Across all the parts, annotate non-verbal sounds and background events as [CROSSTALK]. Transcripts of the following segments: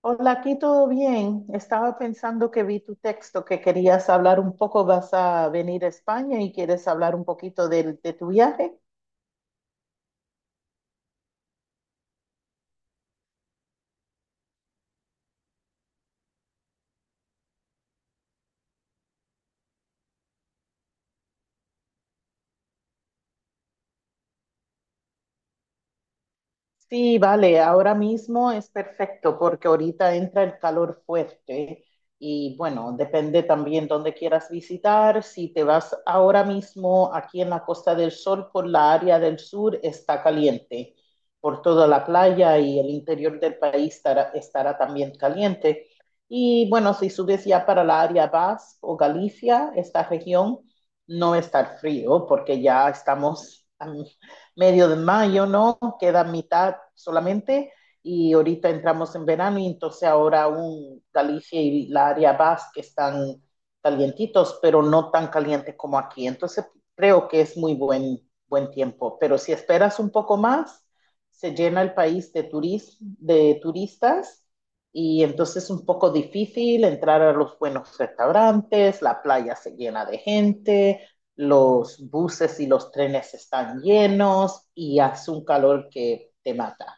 Hola, aquí todo bien. Estaba pensando que vi tu texto, que querías hablar un poco, vas a venir a España y quieres hablar un poquito de tu viaje. Sí, vale, ahora mismo es perfecto porque ahorita entra el calor fuerte y bueno, depende también dónde quieras visitar. Si te vas ahora mismo aquí en la Costa del Sol por la área del sur, está caliente. Por toda la playa y el interior del país estará también caliente. Y bueno, si subes ya para la área Basque o Galicia, esta región no está frío porque ya estamos medio de mayo, ¿no? Queda mitad solamente y ahorita entramos en verano y entonces ahora aún Galicia y la área basque están calientitos, pero no tan caliente como aquí. Entonces creo que es buen tiempo, pero si esperas un poco más, se llena el país de, de turistas y entonces es un poco difícil entrar a los buenos restaurantes, la playa se llena de gente, los buses y los trenes están llenos y hace un calor que te mata.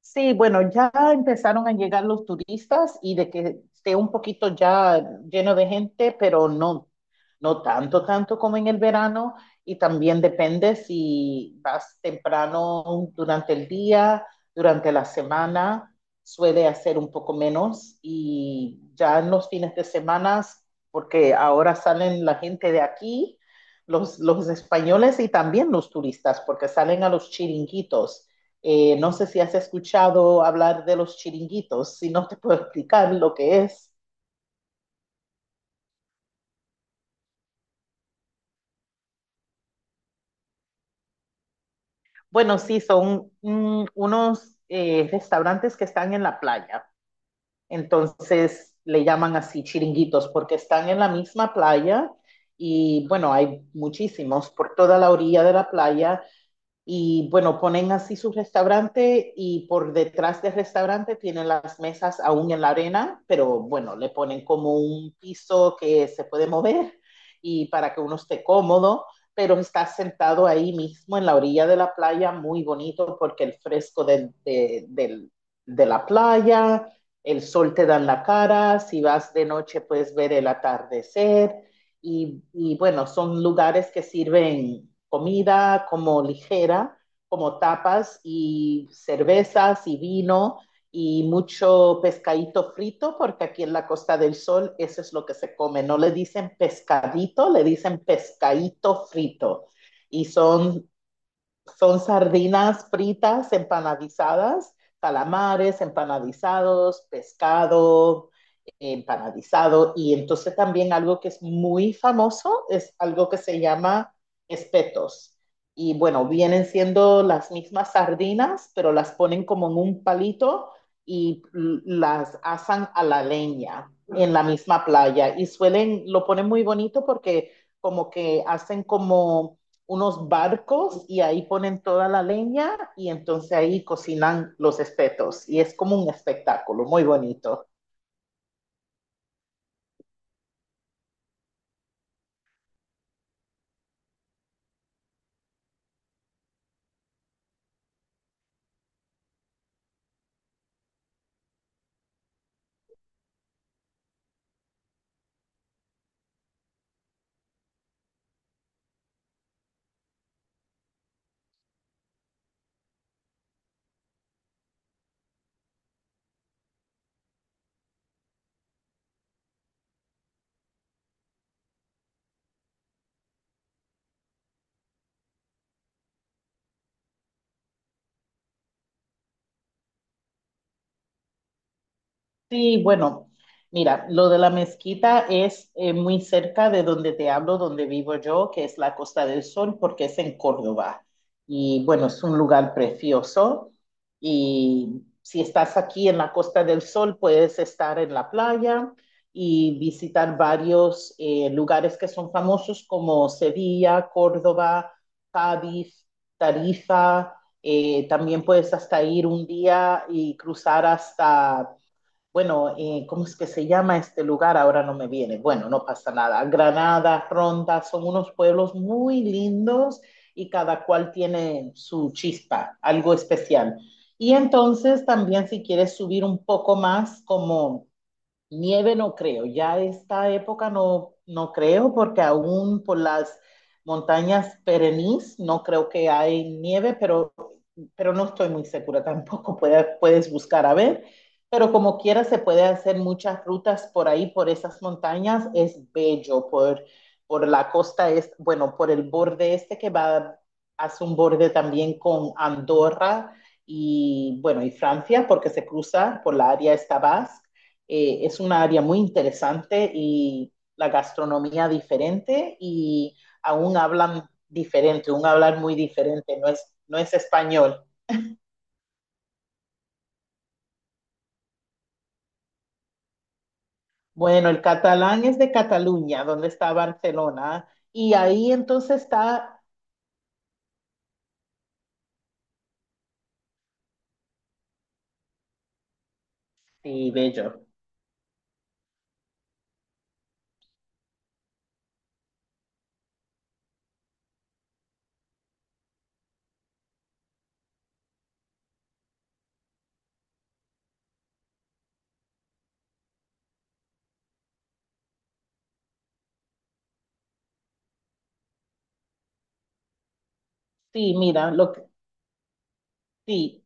Sí, bueno, ya empezaron a llegar los turistas y de que esté un poquito ya lleno de gente, pero no, no tanto como en el verano. Y también depende si vas temprano durante el día, durante la semana, suele hacer un poco menos. Y ya en los fines de semana, porque ahora salen la gente de aquí, los españoles y también los turistas, porque salen a los chiringuitos no sé si has escuchado hablar de los chiringuitos, si no te puedo explicar lo que es. Bueno, sí, son mm, unos restaurantes que están en la playa. Entonces le llaman así chiringuitos porque están en la misma playa. Y bueno, hay muchísimos por toda la orilla de la playa. Y bueno, ponen así su restaurante y por detrás del restaurante tienen las mesas aún en la arena, pero bueno, le ponen como un piso que se puede mover y para que uno esté cómodo, pero está sentado ahí mismo en la orilla de la playa, muy bonito porque el fresco de la playa, el sol te da en la cara, si vas de noche puedes ver el atardecer y bueno, son lugares que sirven comida como ligera, como tapas y cervezas y vino y mucho pescadito frito, porque aquí en la Costa del Sol eso es lo que se come. No le dicen pescadito, le dicen pescadito frito. Y son sardinas fritas, empanadizadas, calamares empanadizados, pescado empanadizado. Y entonces también algo que es muy famoso es algo que se llama espetos. Y bueno, vienen siendo las mismas sardinas, pero las ponen como en un palito y las asan a la leña en la misma playa. Y suelen, lo ponen muy bonito porque como que hacen como unos barcos y ahí ponen toda la leña y entonces ahí cocinan los espetos y es como un espectáculo muy bonito. Sí, bueno, mira, lo de la mezquita es muy cerca de donde te hablo, donde vivo yo, que es la Costa del Sol, porque es en Córdoba. Y bueno, es un lugar precioso. Y si estás aquí en la Costa del Sol, puedes estar en la playa y visitar varios lugares que son famosos como Sevilla, Córdoba, Cádiz, Tarifa. También puedes hasta ir un día y cruzar hasta bueno, ¿cómo es que se llama este lugar? Ahora no me viene. Bueno, no pasa nada. Granada, Ronda, son unos pueblos muy lindos y cada cual tiene su chispa, algo especial. Y entonces también si quieres subir un poco más, como nieve no creo, ya esta época no, no creo, porque aún por las montañas perenís no creo que hay nieve, pero no estoy muy segura tampoco. [LAUGHS] Puedes buscar a ver, pero como quiera se puede hacer muchas rutas por ahí, por esas montañas, es bello, por la costa, es, bueno, por el borde este que va, hace un borde también con Andorra y bueno, y Francia, porque se cruza por la área esta Basque. Es una área muy interesante y la gastronomía diferente y aún hablan diferente, un hablar muy diferente, no es español. Bueno, el catalán es de Cataluña, donde está Barcelona, y ahí entonces está, sí, bello, sí, mira, lo que, sí,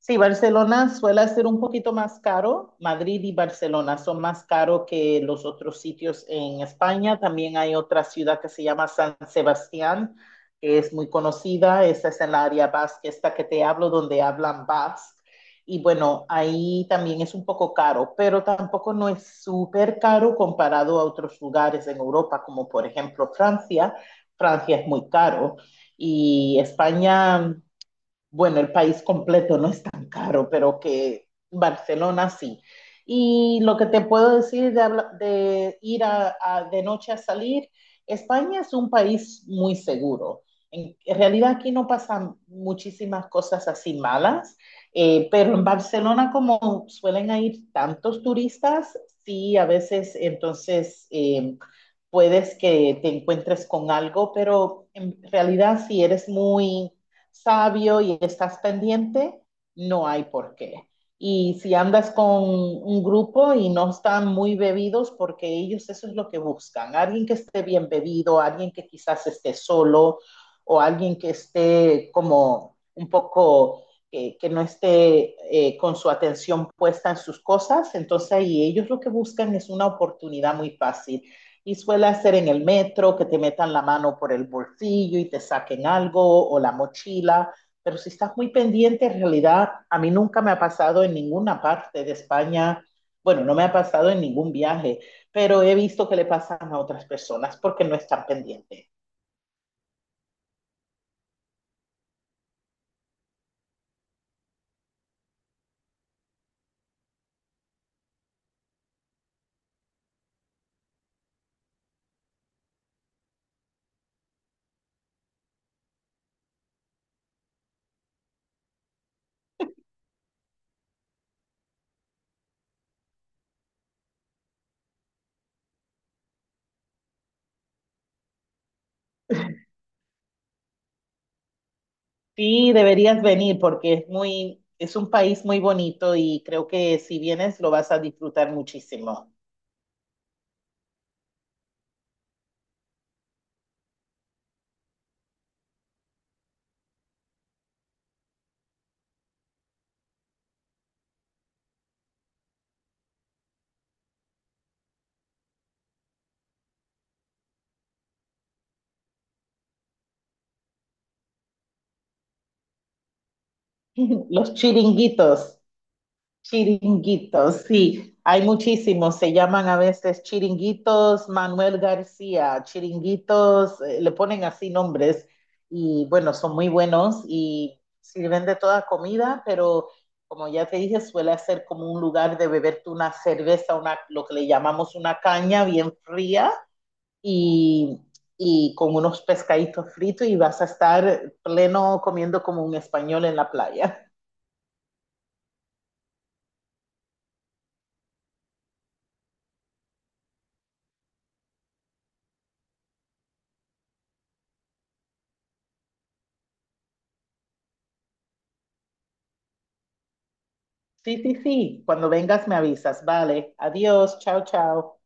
Sí, Barcelona suele ser un poquito más caro. Madrid y Barcelona son más caros que los otros sitios en España. También hay otra ciudad que se llama San Sebastián, que es muy conocida. Esta es en la área vasca, esta que te hablo, donde hablan vasco. Y bueno, ahí también es un poco caro, pero tampoco no es súper caro comparado a otros lugares en Europa, como por ejemplo Francia. Francia es muy caro. Y España bueno, el país completo no es tan caro, pero que Barcelona sí. Y lo que te puedo decir de ir de noche a salir, España es un país muy seguro. En realidad aquí no pasan muchísimas cosas así malas, pero en Barcelona como suelen ir tantos turistas, sí, a veces entonces puedes que te encuentres con algo, pero en realidad si eres muy sabio y estás pendiente, no hay por qué. Y si andas con un grupo y no están muy bebidos, porque ellos eso es lo que buscan, alguien que esté bien bebido, alguien que quizás esté solo o alguien que esté como un poco, que no esté con su atención puesta en sus cosas, entonces ahí ellos lo que buscan es una oportunidad muy fácil. Y suele hacer en el metro que te metan la mano por el bolsillo y te saquen algo o la mochila, pero si estás muy pendiente, en realidad a mí nunca me ha pasado en ninguna parte de España, bueno, no me ha pasado en ningún viaje, pero he visto que le pasan a otras personas porque no están pendientes. Sí, deberías venir porque es un país muy bonito y creo que si vienes lo vas a disfrutar muchísimo. [LAUGHS] Los chiringuitos. Chiringuitos, sí, hay muchísimos, se llaman a veces chiringuitos Manuel García, chiringuitos, le ponen así nombres y bueno, son muy buenos y sirven de toda comida, pero como ya te dije, suele ser como un lugar de beberte una cerveza, una, lo que le llamamos una caña bien fría y, y con unos pescaditos fritos y vas a estar pleno comiendo como un español en la playa. Sí, sí, sí. Cuando vengas me avisas. Vale. Adiós. Chao, chao.